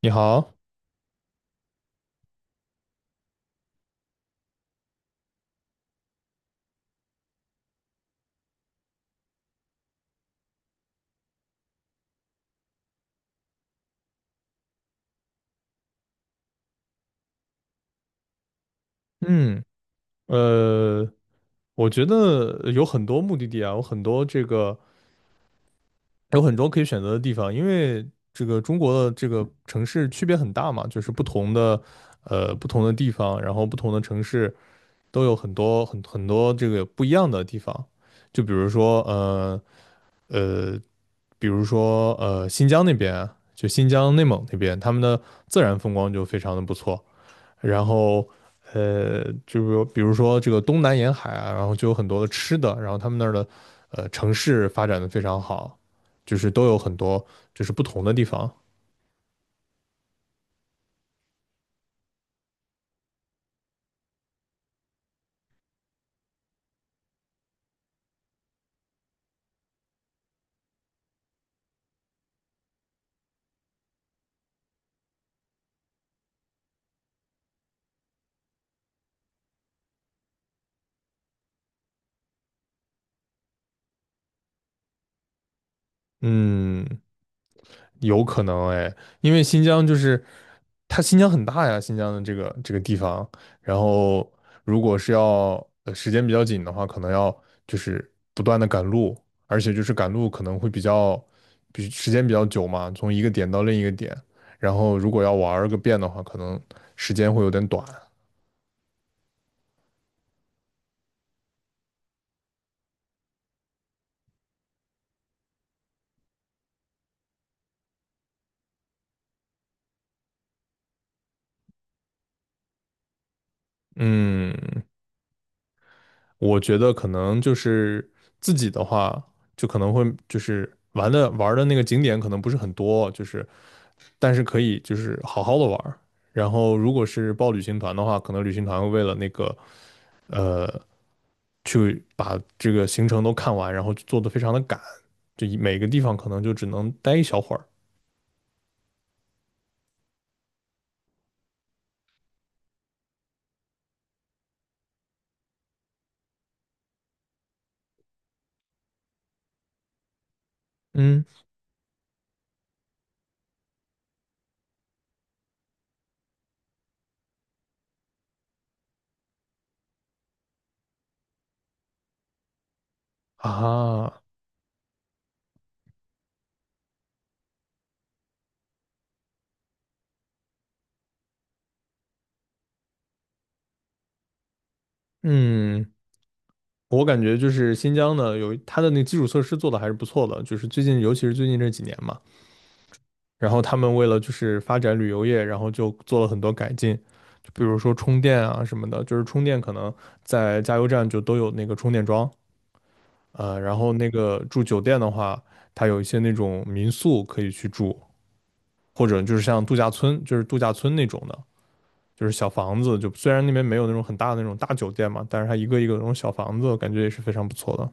你好。嗯，呃，我觉得有很多目的地啊，有很多有很多可以选择的地方，因为这个中国的这个城市区别很大嘛，不同的地方，然后不同的城市都有很多很多这个不一样的地方，就比如说，呃，比如说新疆那边，就新疆内蒙那边，他们的自然风光就非常的不错。然后就是比如说这个东南沿海啊，然后就有很多的吃的，然后他们那儿的城市发展的非常好，就是都有很多就是不同的地方。嗯，有可能哎，因为新疆就是它新疆很大呀，新疆的这个地方，然后如果是要时间比较紧的话，可能要就是不断的赶路，而且就是赶路可能会比时间比较久嘛，从一个点到另一个点，然后如果要玩儿个遍的话，可能时间会有点短。嗯，我觉得可能就是自己的话，就可能会就是玩儿的那个景点可能不是很多，就是但是可以就是好好的玩儿。然后如果是报旅行团的话，可能旅行团会为了那个呃去把这个行程都看完，然后做的非常的赶，就每个地方可能就只能待一小会儿。嗯啊，嗯，我感觉就是新疆呢，有它的那基础设施做的还是不错的，就是最近，尤其是最近这几年嘛，然后他们为了就是发展旅游业，然后就做了很多改进，就比如说充电啊什么的，就是充电可能在加油站就都有那个充电桩。然后那个住酒店的话，它有一些那种民宿可以去住，或者就是像度假村，就是度假村那种的，就是小房子，就虽然那边没有那种很大的那种大酒店嘛，但是它一个一个那种小房子，感觉也是非常不错的。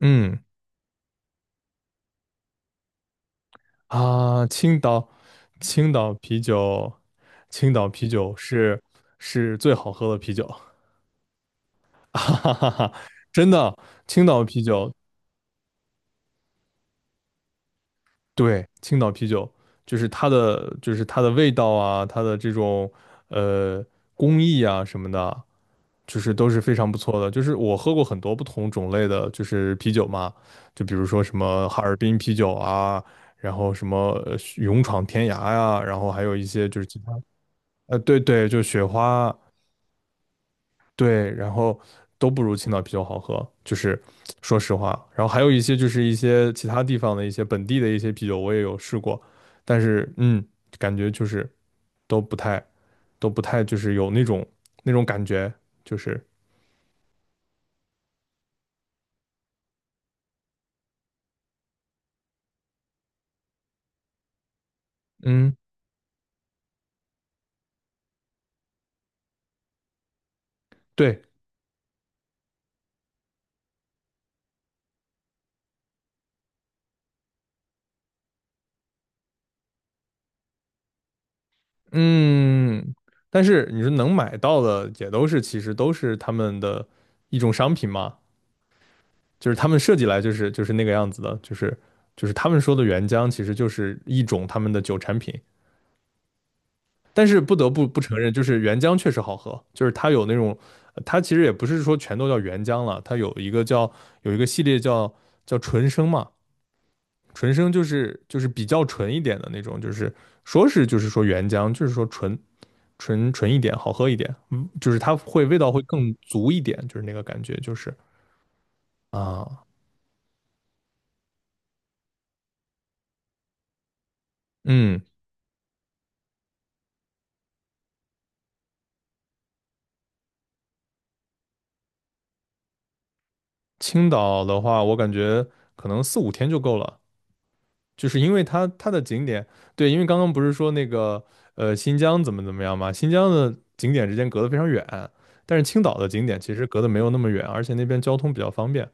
嗯啊，青岛，青岛啤酒，青岛啤酒是是最好喝的啤酒。哈哈哈哈，真的。青岛啤酒对，青岛啤酒就是它的，就是它的味道啊，它的这种呃工艺啊什么的，就是都是非常不错的。就是我喝过很多不同种类的，就是啤酒嘛，就比如说什么哈尔滨啤酒啊，然后什么勇闯天涯呀、然后还有一些就是其他。对对，就雪花，对，然后都不如青岛啤酒好喝，就是说实话。然后还有一些就是一些其他地方的一些本地的一些啤酒，我也有试过，但是嗯，感觉就是都不太都不太就是有那种那种感觉，就是嗯对嗯。但是你说能买到的也都是其实都是他们的一种商品嘛，就是他们设计来就是那个样子的，就是就是他们说的原浆其实就是一种他们的酒产品。但是不得不承认，就是原浆确实好喝，就是它有那种，它其实也不是说全都叫原浆了，它有一个叫有一个系列叫纯生嘛。纯生就是就是比较纯一点的那种，就是说是就是说原浆，就是说纯一点，好喝一点，嗯，就是它会味道会更足一点，就是那个感觉，就是啊。嗯，青岛的话，我感觉可能四五天就够了，就是因为它它的景点，对，因为刚刚不是说那个新疆怎么样嘛，新疆的景点之间隔得非常远，但是青岛的景点其实隔得没有那么远，而且那边交通比较方便。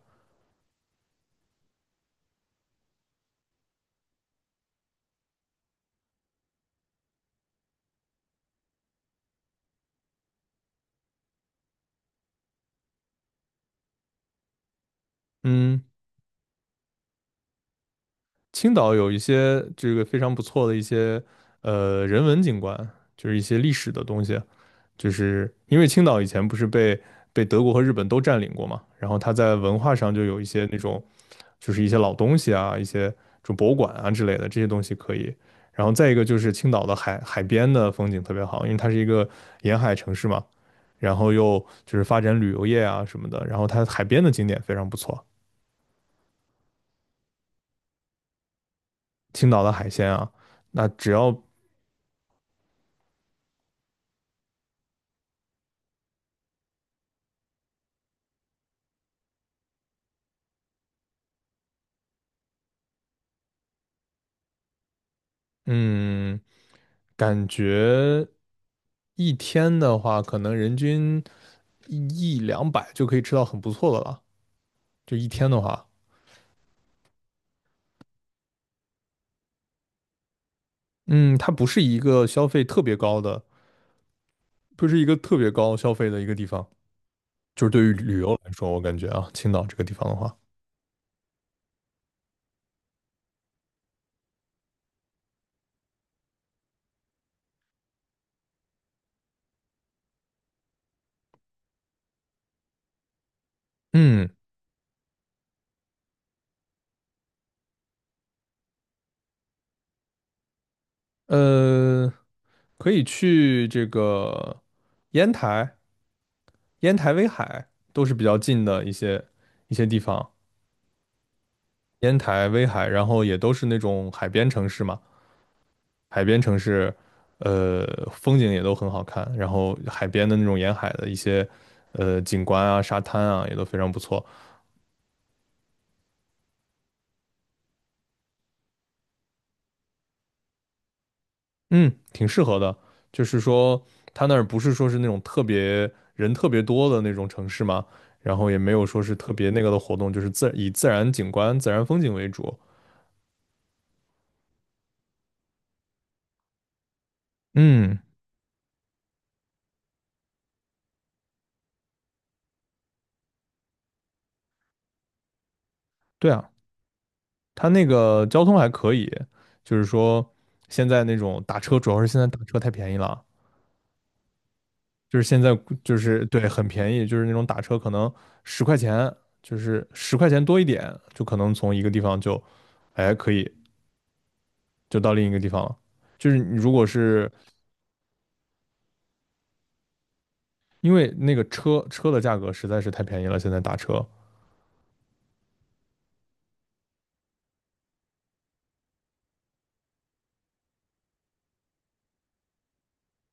嗯，青岛有一些这个非常不错的一些人文景观，就是一些历史的东西，就是因为青岛以前不是被德国和日本都占领过嘛，然后它在文化上就有一些那种就是一些老东西啊，一些就博物馆啊之类的这些东西可以。然后再一个就是青岛的海海边的风景特别好，因为它是一个沿海城市嘛，然后又就是发展旅游业啊什么的，然后它海边的景点非常不错。青岛的海鲜啊，那只要嗯，感觉一天的话，可能人均一200就可以吃到很不错的了。就一天的话，嗯，它不是一个消费特别高的，不是一个特别高消费的一个地方。就是对于旅游来说，我感觉啊，青岛这个地方的话，嗯。呃，可以去这个烟台、烟台、威海，都是比较近的一些地方。烟台、威海，然后也都是那种海边城市嘛，海边城市。呃，风景也都很好看，然后海边的那种沿海的一些，景观啊、沙滩啊，也都非常不错。嗯，挺适合的。就是说，他那儿不是说是那种特别人特别多的那种城市嘛，然后也没有说是特别那个的活动，就是自以自然景观、自然风景为主。嗯，对啊，他那个交通还可以，就是说现在那种打车，主要是现在打车太便宜了，就是现在就是对很便宜，就是那种打车可能十块钱，就是十块钱多一点，就可能从一个地方就，哎，可以就到另一个地方了。就是你如果是因为那个车的价格实在是太便宜了，现在打车。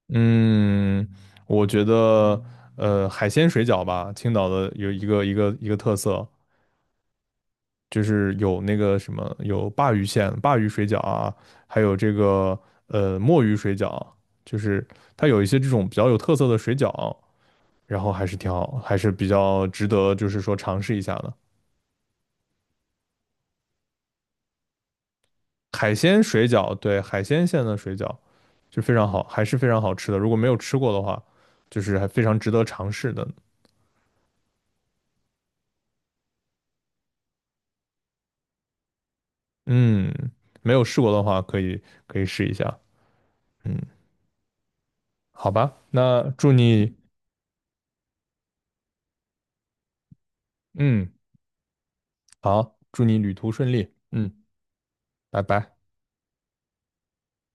嗯，我觉得海鲜水饺吧，青岛的有一个特色，就是有那个什么有鲅鱼馅、鲅鱼水饺啊，还有这个墨鱼水饺，就是它有一些这种比较有特色的水饺，然后还是挺好，还是比较值得就是说尝试一下的。海鲜水饺，对，海鲜馅的水饺，就非常好，还是非常好吃的。如果没有吃过的话，就是还非常值得尝试的。嗯，没有试过的话，可以可以试一下。嗯，好吧，那祝你，嗯，好，祝你旅途顺利。嗯，拜拜。